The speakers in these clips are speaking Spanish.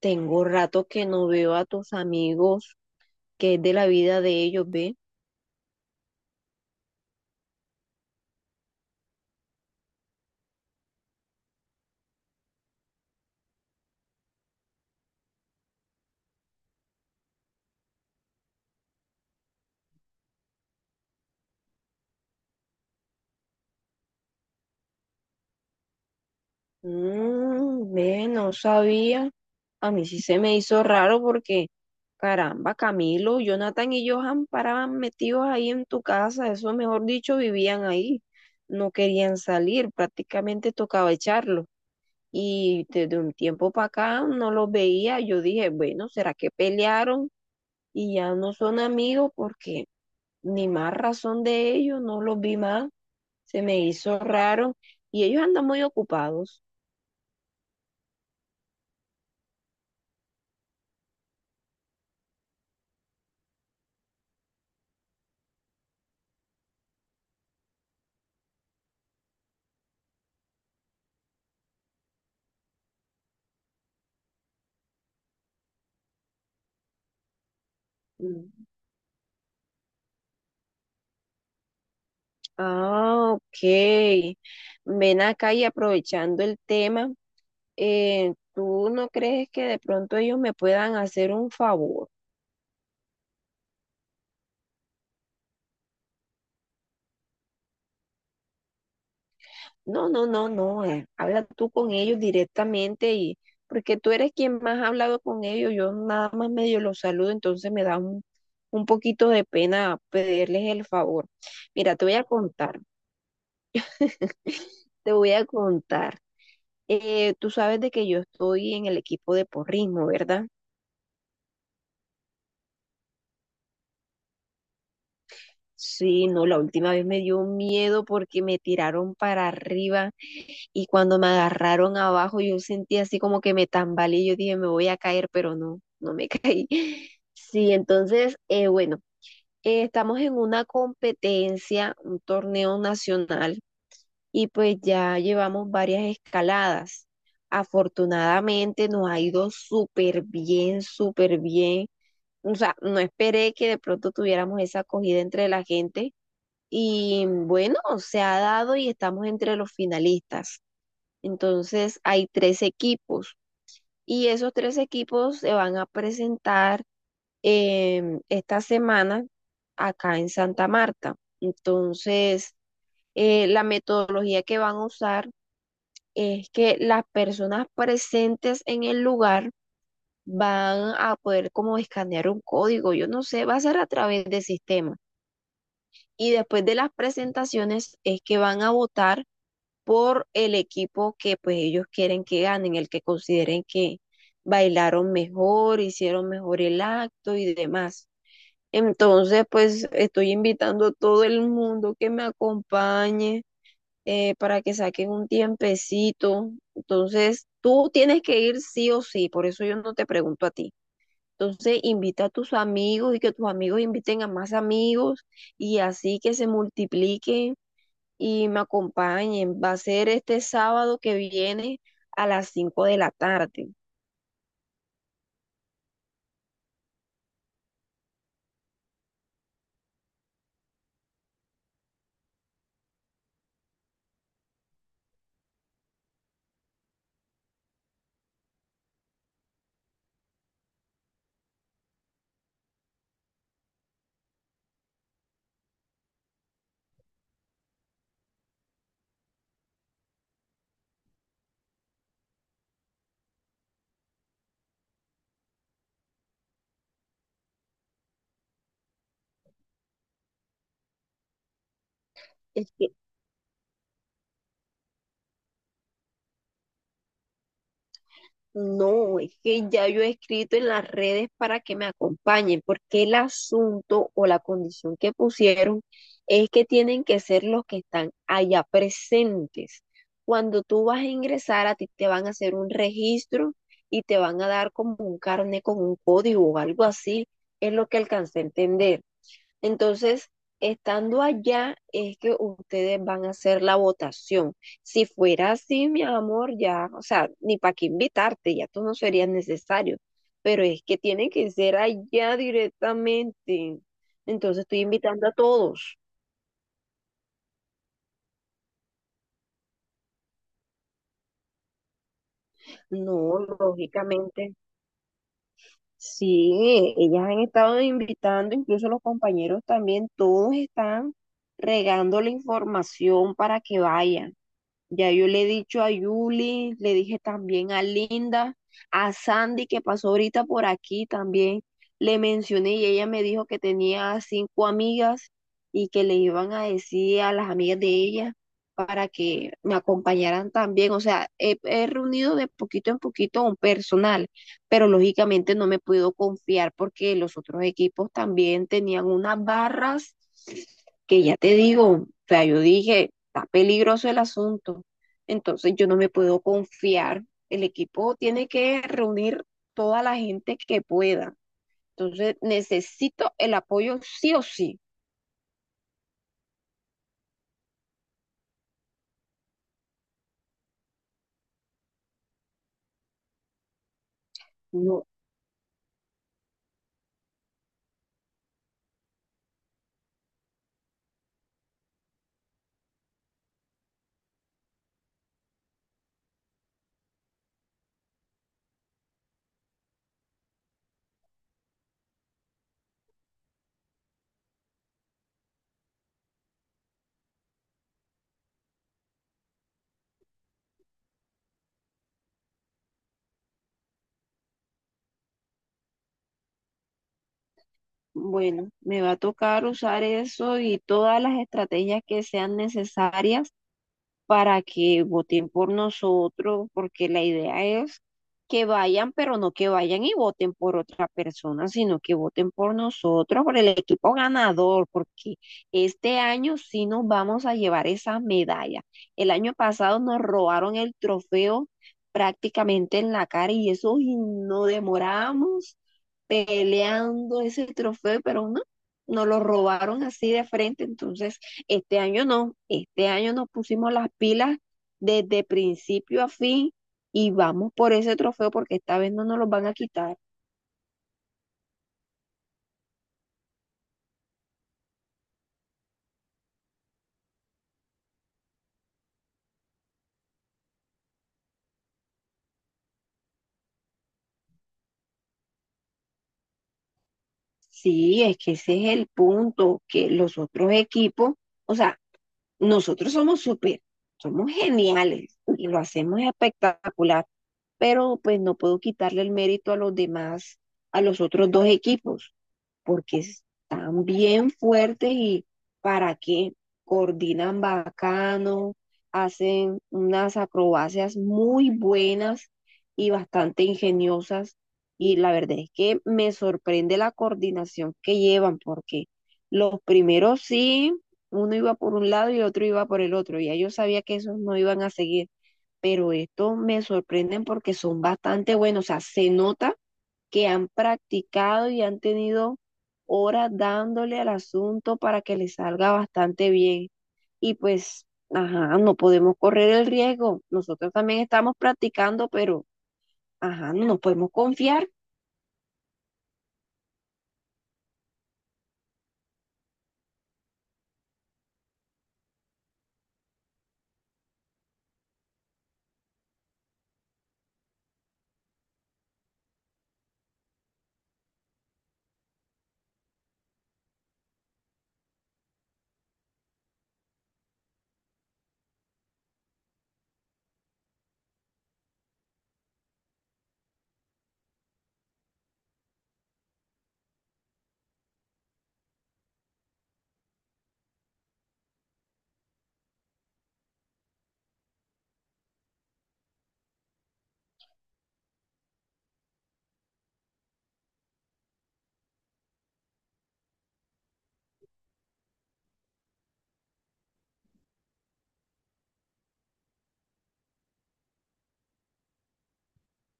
Tengo rato que no veo a tus amigos, que es de la vida de ellos, ve. Ve, no sabía. A mí sí se me hizo raro porque, caramba, Camilo, Jonathan y Johan paraban metidos ahí en tu casa, eso mejor dicho, vivían ahí. No querían salir, prácticamente tocaba echarlos. Y desde un tiempo para acá no los veía. Yo dije, bueno, ¿será que pelearon y ya no son amigos? Porque ni más razón de ellos, no los vi más. Se me hizo raro y ellos andan muy ocupados. Mm. Ah, ok. Ven acá y aprovechando el tema, ¿tú no crees que de pronto ellos me puedan hacer un favor? No, no, no, no. Habla tú con ellos directamente y porque tú eres quien más ha hablado con ellos, yo nada más medio los saludo, entonces me da un poquito de pena pedirles el favor. Mira, te voy a contar, te voy a contar. Tú sabes de que yo estoy en el equipo de porrismo, ¿verdad? Sí, no, la última vez me dio miedo porque me tiraron para arriba y cuando me agarraron abajo yo sentí así como que me tambaleé, yo dije me voy a caer, pero no, no me caí. Sí, entonces, bueno, estamos en una competencia, un torneo nacional y pues ya llevamos varias escaladas. Afortunadamente nos ha ido súper bien, súper bien. O sea, no esperé que de pronto tuviéramos esa acogida entre la gente y bueno, se ha dado y estamos entre los finalistas. Entonces hay tres equipos y esos tres equipos se van a presentar esta semana acá en Santa Marta. Entonces, la metodología que van a usar es que las personas presentes en el lugar van a poder como escanear un código, yo no sé, va a ser a través de sistema. Y después de las presentaciones es que van a votar por el equipo que pues ellos quieren que ganen, el que consideren que bailaron mejor, hicieron mejor el acto y demás. Entonces pues estoy invitando a todo el mundo que me acompañe, para que saquen un tiempecito. Entonces tú tienes que ir sí o sí, por eso yo no te pregunto a ti. Entonces invita a tus amigos y que tus amigos inviten a más amigos y así que se multiplique y me acompañen. Va a ser este sábado que viene a las 5:00 de la tarde. Es que no, es que ya yo he escrito en las redes para que me acompañen, porque el asunto o la condición que pusieron es que tienen que ser los que están allá presentes. Cuando tú vas a ingresar, a ti te van a hacer un registro y te van a dar como un carnet con un código o algo así, es lo que alcancé a entender. Entonces, estando allá es que ustedes van a hacer la votación. Si fuera así, mi amor, ya, o sea, ni para qué invitarte, ya tú no serías necesario. Pero es que tiene que ser allá directamente. Entonces estoy invitando a todos. No, lógicamente. Sí, ellas han estado invitando, incluso los compañeros también, todos están regando la información para que vayan. Ya yo le he dicho a Yuli, le dije también a Linda, a Sandy que pasó ahorita por aquí también, le mencioné y ella me dijo que tenía 5 amigas y que le iban a decir a las amigas de ella para que me acompañaran también. O sea, he reunido de poquito en poquito un personal, pero lógicamente no me puedo confiar porque los otros equipos también tenían unas barras que ya te digo, o sea, yo dije, está peligroso el asunto. Entonces yo no me puedo confiar. El equipo tiene que reunir toda la gente que pueda. Entonces necesito el apoyo sí o sí. No, bueno, me va a tocar usar eso y todas las estrategias que sean necesarias para que voten por nosotros, porque la idea es que vayan, pero no que vayan y voten por otra persona, sino que voten por nosotros, por el equipo ganador, porque este año sí nos vamos a llevar esa medalla. El año pasado nos robaron el trofeo prácticamente en la cara y eso y nos demoramos peleando ese trofeo, pero no, nos lo robaron así de frente, entonces este año no, este año nos pusimos las pilas desde principio a fin y vamos por ese trofeo porque esta vez no nos lo van a quitar. Sí, es que ese es el punto, que los otros equipos, o sea, nosotros somos súper, somos geniales y lo hacemos espectacular, pero pues no puedo quitarle el mérito a los demás, a los otros dos equipos. Porque están bien fuertes y para qué, coordinan bacano, hacen unas acrobacias muy buenas y bastante ingeniosas. Y la verdad es que me sorprende la coordinación que llevan, porque los primeros sí, uno iba por un lado y el otro iba por el otro. Ya yo sabía que esos no iban a seguir, pero estos me sorprenden porque son bastante buenos. O sea, se nota que han practicado y han tenido horas dándole al asunto para que le salga bastante bien. Y pues, ajá, no podemos correr el riesgo. Nosotros también estamos practicando, pero, ajá, no nos podemos confiar.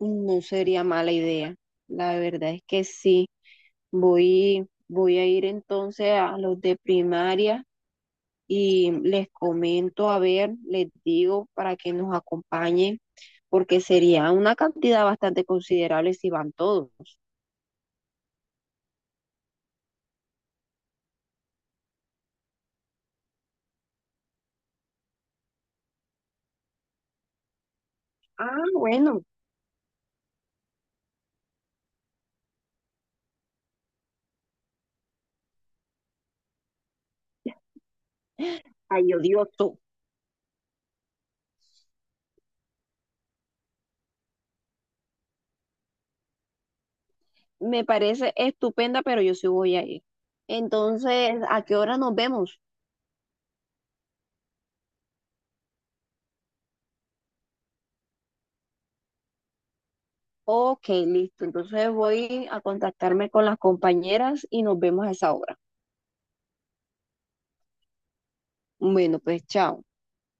No sería mala idea. La verdad es que sí. Voy a ir entonces a los de primaria y les comento, a ver, les digo para que nos acompañen, porque sería una cantidad bastante considerable si van todos. Ah, bueno, ay, odioso. Me parece estupenda, pero yo sí voy a ir. Entonces, ¿a qué hora nos vemos? Ok, listo. Entonces voy a contactarme con las compañeras y nos vemos a esa hora. Bueno, pues chao.